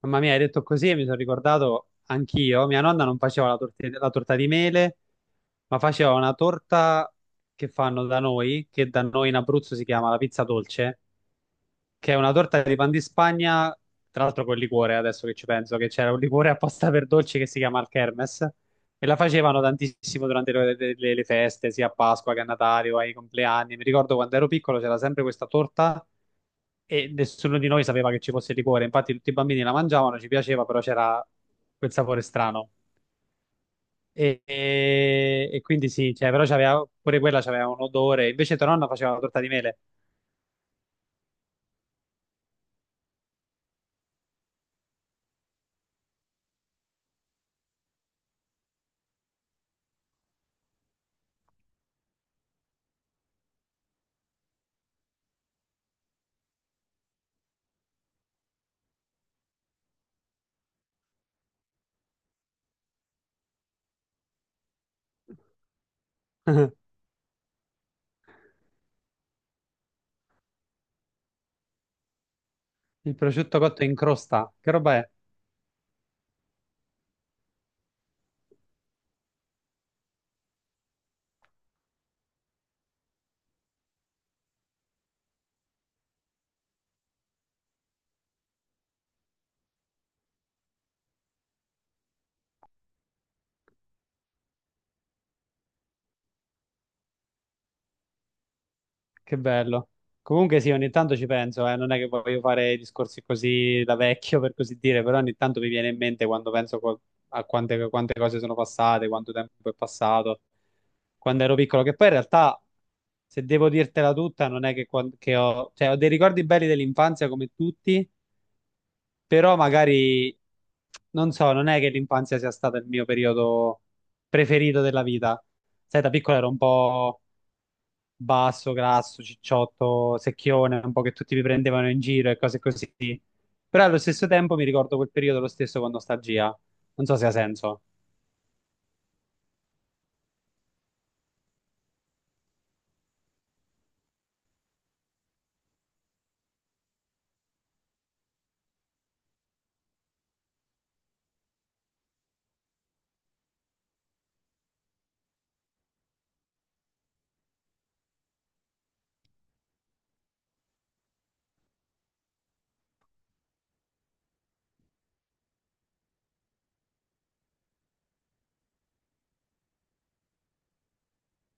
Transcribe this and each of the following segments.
Mamma mia, hai detto così e mi sono ricordato anch'io. Mia nonna non faceva la, la torta di mele, ma faceva una torta che fanno da noi, che da noi in Abruzzo si chiama la pizza dolce, che è una torta di pan di Spagna, tra l'altro col liquore, adesso che ci penso, che c'era un liquore apposta per dolci che si chiama il Kermes, e la facevano tantissimo durante le, le feste, sia a Pasqua che a Natale o ai compleanni. Mi ricordo quando ero piccolo c'era sempre questa torta e nessuno di noi sapeva che ci fosse il liquore, infatti tutti i bambini la mangiavano, ci piaceva, però c'era quel sapore strano. E quindi sì, cioè, però c'aveva, pure quella c'aveva un odore, invece tua nonna faceva la torta di mele, il prosciutto cotto in crosta, che roba è? Che bello. Comunque sì, ogni tanto ci penso, non è che voglio fare discorsi così da vecchio, per così dire, però ogni tanto mi viene in mente quando a quante, quante cose sono passate, quanto tempo è passato, quando ero piccolo, che poi in realtà, se devo dirtela tutta, non è che, cioè, ho dei ricordi belli dell'infanzia come tutti, però magari, non so, non è che l'infanzia sia stato il mio periodo preferito della vita. Sai, da piccolo ero un po' basso, grasso, cicciotto, secchione, un po' che tutti mi prendevano in giro e cose così. Però allo stesso tempo mi ricordo quel periodo lo stesso con nostalgia. Non so se ha senso.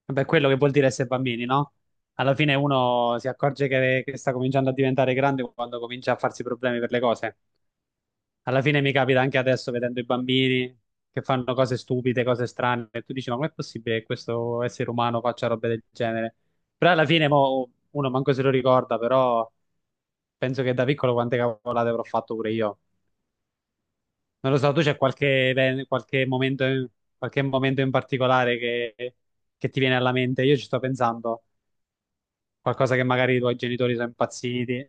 Vabbè, quello che vuol dire essere bambini, no? Alla fine uno si accorge che sta cominciando a diventare grande quando comincia a farsi problemi per le cose. Alla fine mi capita anche adesso vedendo i bambini che fanno cose stupide, cose strane, e tu dici, ma com'è possibile che questo essere umano faccia robe del genere? Però alla fine mo, uno manco se lo ricorda, però penso che da piccolo quante cavolate avrò fatto pure io. Non lo so, tu c'è qualche, qualche momento, qualche momento in particolare che ti viene alla mente? Io ci sto pensando, qualcosa che magari i tuoi genitori sono impazziti.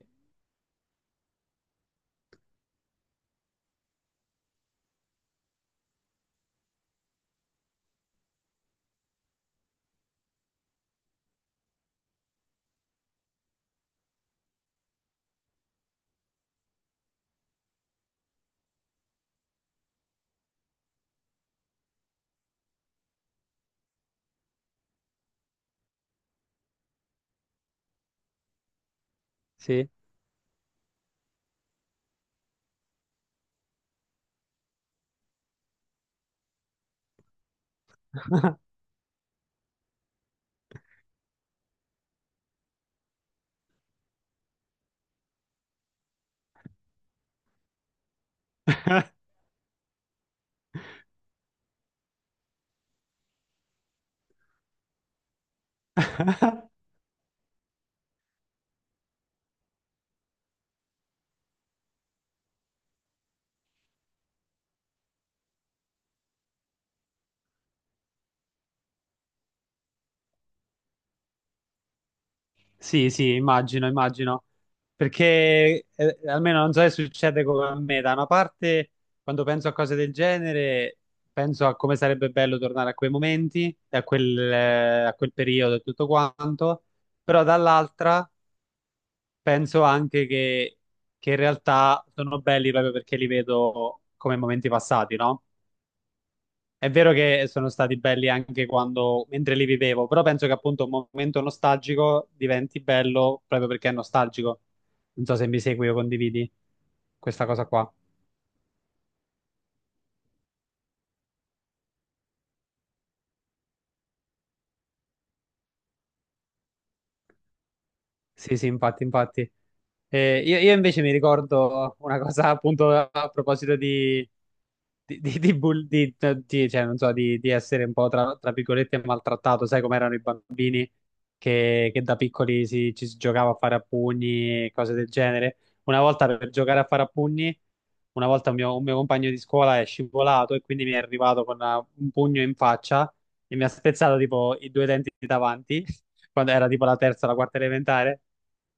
Sì, sì, immagino, immagino. Perché almeno non so se succede come a me, da una parte quando penso a cose del genere penso a come sarebbe bello tornare a quei momenti, e a quel periodo e tutto quanto, però dall'altra penso anche che in realtà sono belli proprio perché li vedo come momenti passati, no? È vero che sono stati belli anche quando, mentre li vivevo, però penso che appunto un momento nostalgico diventi bello proprio perché è nostalgico. Non so se mi segui o condividi questa cosa qua. Sì, sì, infatti, infatti. Io invece mi ricordo una cosa appunto a proposito di, di, di- di bull- di- cioè, non so, di essere un po' tra, tra virgolette maltrattato, sai com'erano i bambini che da piccoli si, ci si giocava a fare a pugni e cose del genere. Una volta per giocare a fare a pugni, una volta un mio compagno di scuola è scivolato e quindi mi è arrivato con un pugno in faccia e mi ha spezzato tipo i due denti davanti, quando era tipo la terza o la quarta elementare.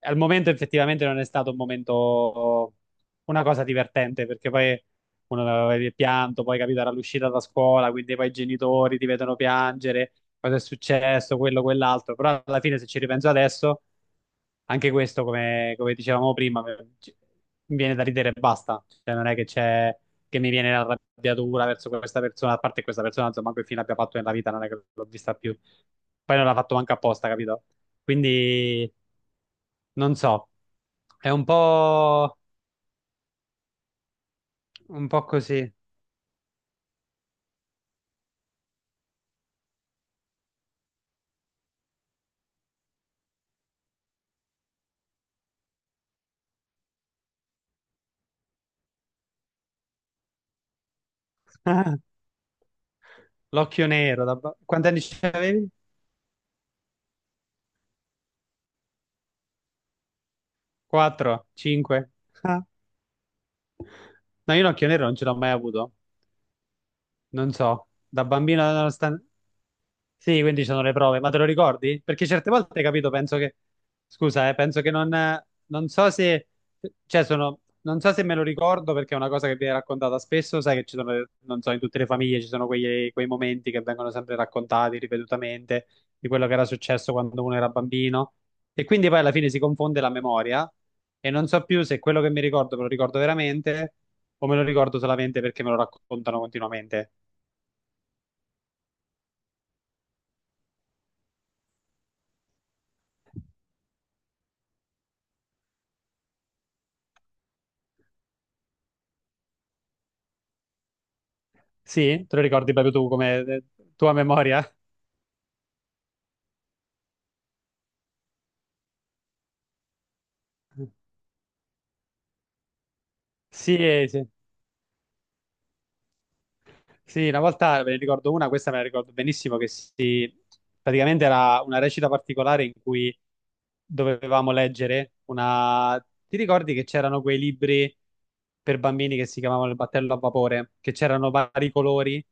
Al momento effettivamente non è stato un momento, una cosa divertente, perché poi uno aveva pianto, poi capito era l'uscita da scuola, quindi poi i genitori ti vedono piangere, cosa è successo, quello, quell'altro, però alla fine se ci ripenso adesso anche questo, come, come dicevamo prima, mi viene da ridere e basta. Cioè, non è che c'è che mi viene l'arrabbiatura verso questa persona, a parte questa persona, insomma, che fine abbia fatto nella vita, non è che l'ho vista più. Poi non l'ha fatto manco apposta, capito? Quindi, non so, è un po' così. L'occhio nero, quanti anni ce avevi? 4, 5? No, io l'occhio nero non ce l'ho mai avuto, non so, da bambino, nonostante... Sì, quindi ci sono le prove, ma te lo ricordi? Perché certe volte, capito, penso che... Scusa, penso che non... Non so se... Cioè, sono... Non so se me lo ricordo perché è una cosa che viene raccontata spesso, sai che ci sono, non so, in tutte le famiglie ci sono quei momenti che vengono sempre raccontati ripetutamente di quello che era successo quando uno era bambino e quindi poi alla fine si confonde la memoria e non so più se quello che mi ricordo me lo ricordo veramente o me lo ricordo solamente perché me lo raccontano continuamente. Sì? Te lo ricordi proprio tu come tua memoria? Sì, sì. Sì, una volta ve ne ricordo una, questa me la ricordo benissimo, che si... praticamente era una recita particolare in cui dovevamo leggere una... Ti ricordi che c'erano quei libri per bambini che si chiamavano il battello a vapore, che c'erano vari colori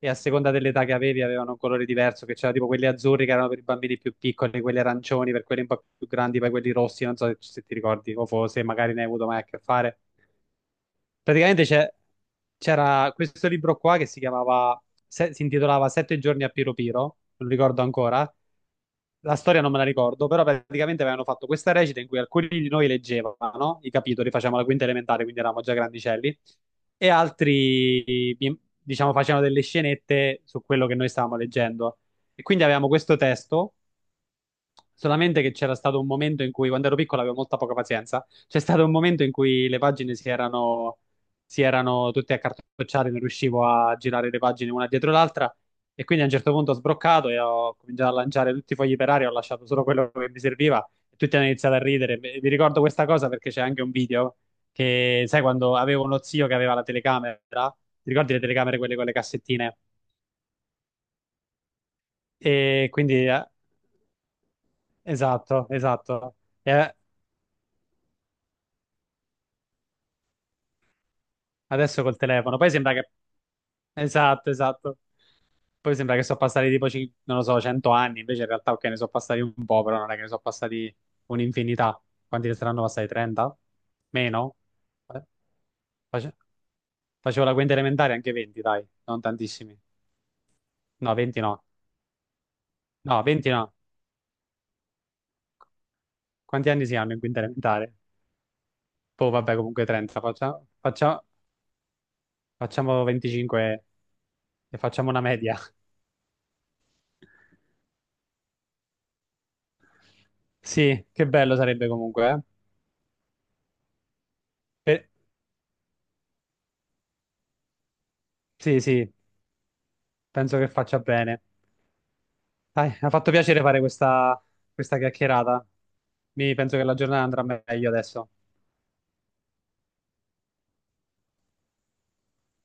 e a seconda dell'età che avevi avevano un colore diverso, che c'erano tipo quelli azzurri che erano per i bambini più piccoli, quelli arancioni per quelli un po' più grandi, poi quelli rossi, non so se ti ricordi o se magari ne hai avuto mai a che fare. Praticamente c'era questo libro qua che si chiamava, si intitolava Sette giorni a Piro Piro, non ricordo ancora, la storia non me la ricordo, però praticamente avevano fatto questa recita in cui alcuni di noi leggevano i capitoli, facevamo la quinta elementare, quindi eravamo già grandicelli, e altri, diciamo, facevano delle scenette su quello che noi stavamo leggendo. E quindi avevamo questo testo. Solamente che c'era stato un momento in cui, quando ero piccolo, avevo molta poca pazienza. C'è stato un momento in cui le pagine si erano tutte accartocciate, non riuscivo a girare le pagine una dietro l'altra. E quindi a un certo punto ho sbroccato e ho cominciato a lanciare tutti i fogli per aria, ho lasciato solo quello che mi serviva. E tutti hanno iniziato a ridere. E vi ricordo questa cosa perché c'è anche un video che, sai, quando avevo uno zio che aveva la telecamera, ti ricordi le telecamere, quelle con le cassettine? E quindi, esatto, esatto. E Adesso col telefono. Poi sembra che... Esatto, esatto. Poi sembra che sono passati tipo, non lo so, 100 anni. Invece in realtà, ok, ne sono passati un po', però non è che ne sono passati un'infinità. Quanti ne saranno passati? 30? Meno? Eh, face- Facevo la quinta elementare, anche 20, dai. Non tantissimi. No, 20 no. No, 20 no. Quanti anni si hanno in quinta elementare? Poi vabbè, comunque 30. Facciamo 25 e facciamo una media. Sì, che bello sarebbe comunque, eh? Per- Sì, sì. Penso che faccia bene. Dai, mi ha fatto piacere fare questa, questa chiacchierata. Mi penso che la giornata andrà meglio adesso.